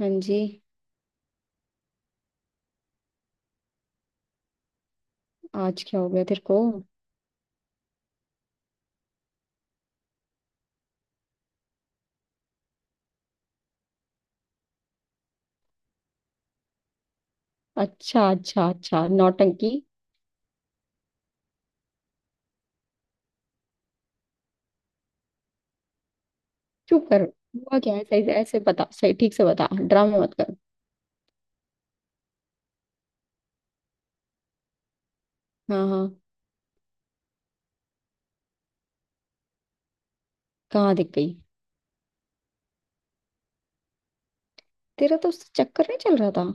हाँ जी। आज क्या हो गया तेरे को। अच्छा अच्छा अच्छा, नौटंकी। चुप कर। हुआ क्या है सही से ऐसे बता, सही ठीक से बता, ड्रामा मत कर। हाँ हाँ। कहाँ दिख गई। तेरा तो उससे चक्कर नहीं चल रहा था।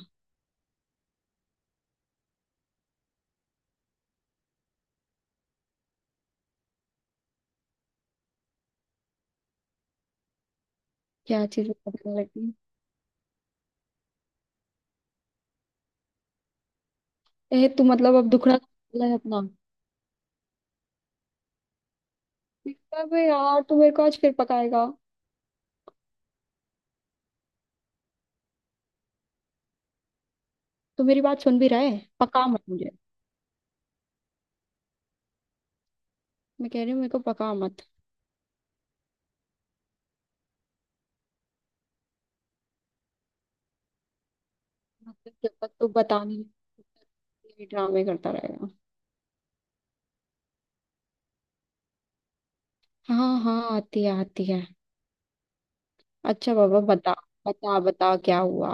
क्या चीज बताने लगी। ए तू मतलब अब दुखड़ा निकाला है अपना। अबे यार, तू मेरे को आज फिर पकाएगा। तू मेरी बात सुन भी रहा है? पका मत मुझे। मैं कह रही हूँ मेरे को पका मत। मतलब जब तक तू बता नहीं तब तक ये ड्रामे करता रहेगा। हाँ हाँ, आती है आती है। अच्छा बाबा बता। बता बता क्या हुआ।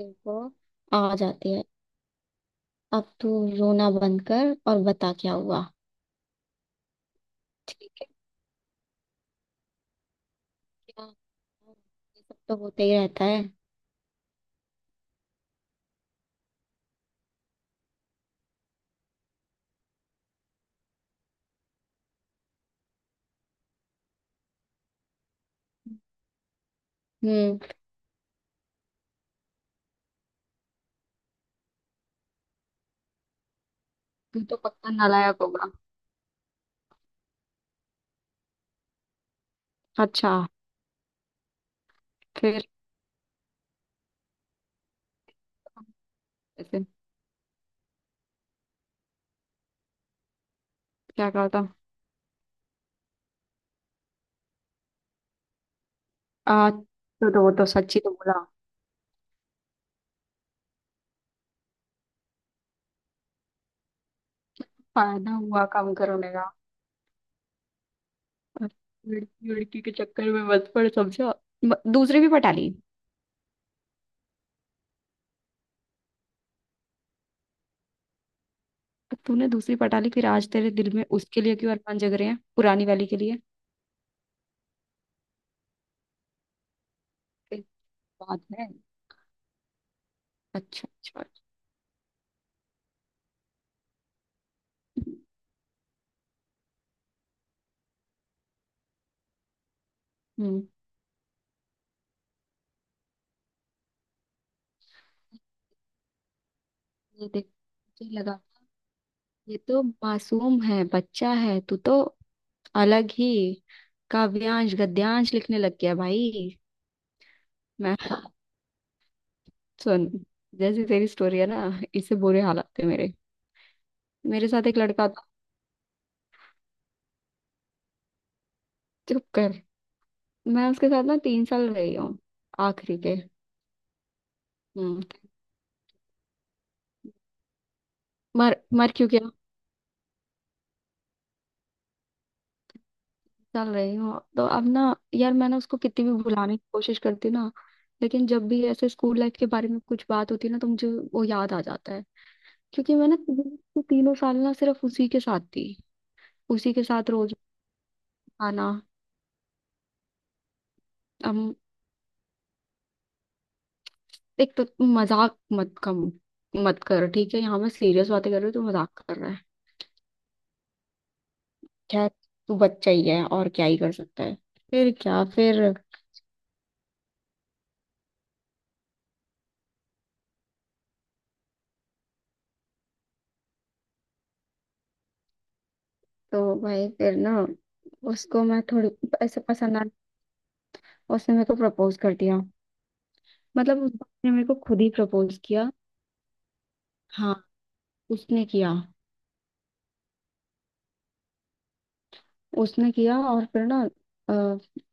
देखो। आ जाती है। अब तू रोना बंद कर और बता क्या हुआ। ठीक है। क्या। ये सब तो होते ही रहता है। हम्म। तू तो पक्का नालायक होगा। अच्छा। फिर। ऐसे। क्या कहा था। तो वो तो सच ही तो बोला। फायदा हुआ काम करने का। लड़की लड़की के चक्कर में मत पड़, समझा। दूसरी भी पटा ली। तूने दूसरी पटा ली फिर आज तेरे दिल में उसके लिए क्यों अरमान जग रहे हैं पुरानी वाली के लिए? बात है। अच्छा अच्छा। हम्म। ये देख, मुझे लगा, ये तो मासूम है, बच्चा है तू तो। अलग ही काव्यांश गद्यांश लिखने लग गया भाई। मैं। सुन। जैसी तेरी स्टोरी है ना, इससे बुरे हालात थे मेरे। मेरे साथ एक लड़का था। चुप कर। मैं उसके साथ ना तीन साल रही हूँ। आखिरी के। हम्म। मर मर क्यों गया। चल रही हूँ तो अब ना, यार मैं ना उसको कितनी भी भुलाने की कोशिश करती हूँ ना, लेकिन जब भी ऐसे स्कूल लाइफ के बारे में कुछ बात होती है ना तो मुझे वो याद आ जाता है। क्योंकि मैं ना तीनों तीनों साल ना सिर्फ उसी के साथ थी, उसी के साथ रोज आना। हम। एक तो तुम मजाक मत कम मत कर, ठीक है? यहाँ मैं सीरियस बातें कर रही हूँ तो मजाक कर रहा है। खैर। तू बच्चा ही है, और क्या ही कर सकता है। फिर क्या फिर? तो भाई फिर ना उसको मैं थोड़ी ऐसे पसंद आ। उसने मेरे को प्रपोज कर दिया। मतलब उस बाप ने मेरे को खुद ही प्रपोज किया। हाँ। उसने किया। उसने किया और फिर ना अ,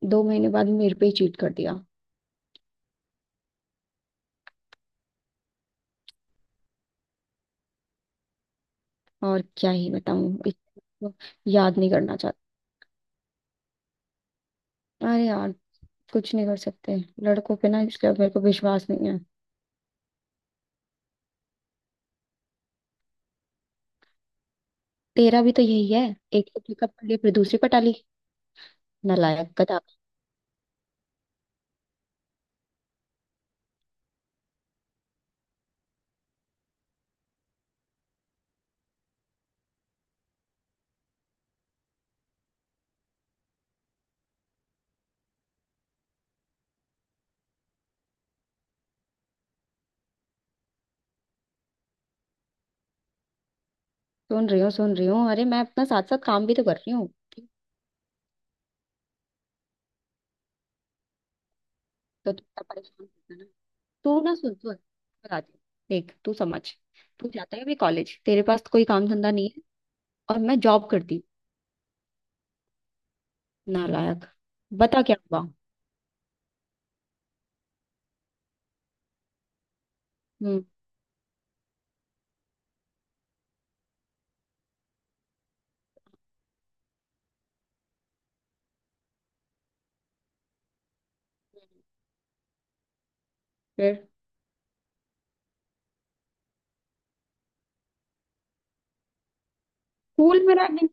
दो महीने बाद मेरे पे ही चीट कर दिया। और क्या ही बताऊं इसको। याद नहीं करना चाहती। अरे यार, कुछ नहीं कर सकते। लड़कों पे ना, इसलिए अब मेरे को विश्वास नहीं है। तेरा भी तो यही है। एक को पिकअप कर लिया फिर दूसरी पर टाली। नालायक गधा। सुन रही हूँ सुन रही हूँ, अरे मैं अपना साथ साथ काम भी तो कर रही हूँ तो। तुम इतना परेशान मत होना। तू ना सुन सुन। बताती हूँ। देख तू समझ। तू जाता है अभी कॉलेज, तेरे पास कोई काम धंधा नहीं है। और मैं जॉब करती हूँ, नालायक। बता क्या हुआ। हम्म। फिर। स्कूल में रैगिंग?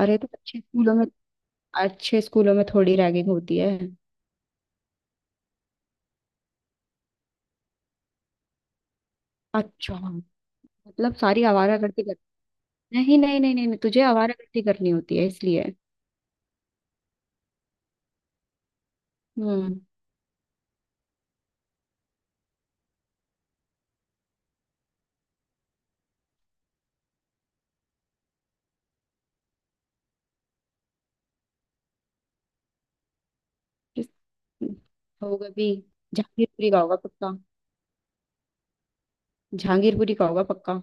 अरे तो अच्छे स्कूलों में, अच्छे स्कूलों में थोड़ी रैगिंग होती है। अच्छा। मतलब सारी आवारा गर्दी कर। नहीं नहीं नहीं नहीं नहीं, तुझे आवारा गर्दी करनी होती है इसलिए। हम्म। किस- होगा भी। जहांगीरपुरी का होगा पक्का। जहांगीरपुरी का होगा पक्का।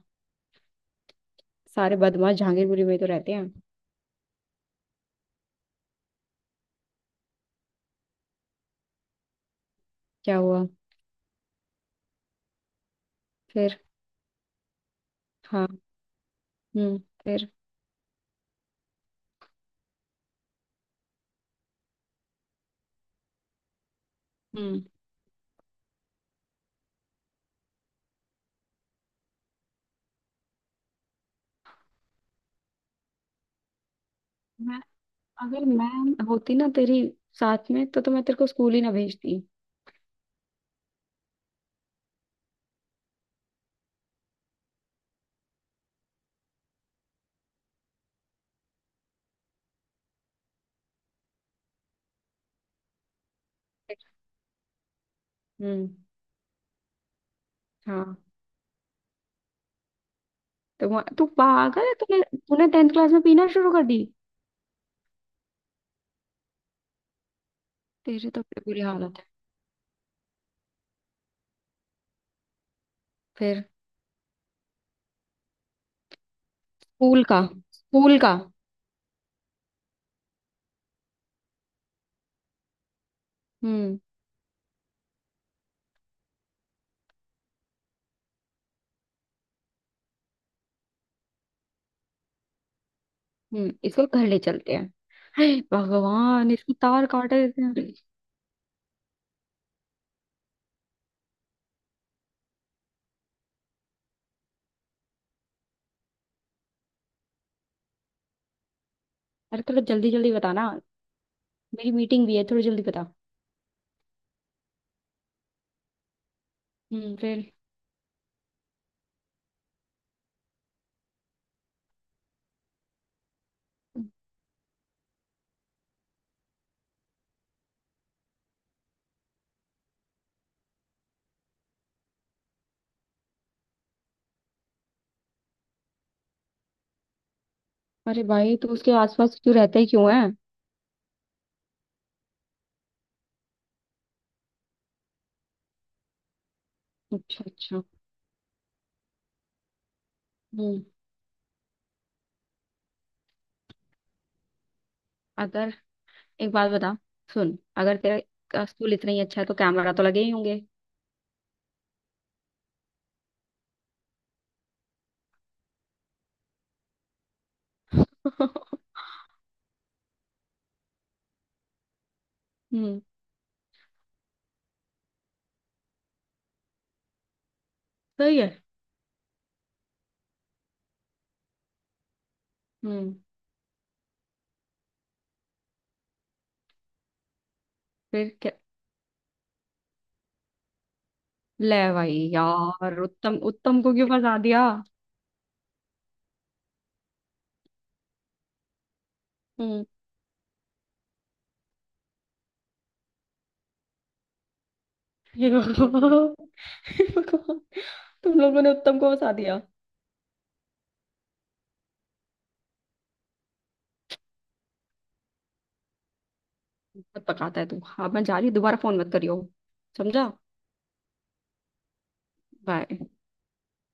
सारे बदमाश जहांगीरपुरी में ही तो रहते हैं। क्या हुआ। फिर। हाँ। हम्म। फिर। हम्म। मैं। अगर मैं होती ना तेरी साथ में तो मैं तेरे को स्कूल ही ना भेजती। हम्म। हाँ। तू पागल है, तूने तूने टेंथ क्लास में पीना शुरू कर दी। तेरे तो बड़ी बुरी हालत है। फिर। स्कूल का स्कूल का। हम्म। हम्म। इसको घर ले चलते हैं। हे भगवान, इसकी तार काटे देते हैं। अरे थोड़ा जल्दी जल्दी बताना, मेरी मीटिंग भी है, थोड़ी जल्दी बता। हम्म। फिर। अरे भाई तू उसके आसपास क्यों रहता ही क्यों है? अच्छा अच्छा। हम्म। अगर एक बात बता। सुन, अगर तेरा का स्कूल इतना ही अच्छा है तो कैमरा तो लगे ही होंगे। हम्म। सही है। हम्म। फिर क्या? ले भाई यार, उत्तम उत्तम को क्यों फंसा दिया? हम्म। ये भगवान। हे भगवान, तुम लोगों ने उत्तम को फंसा दिया। बहुत पकाता है तू, हाँ मैं जा रही हूँ, दोबारा फोन मत करियो। समझा। बाय।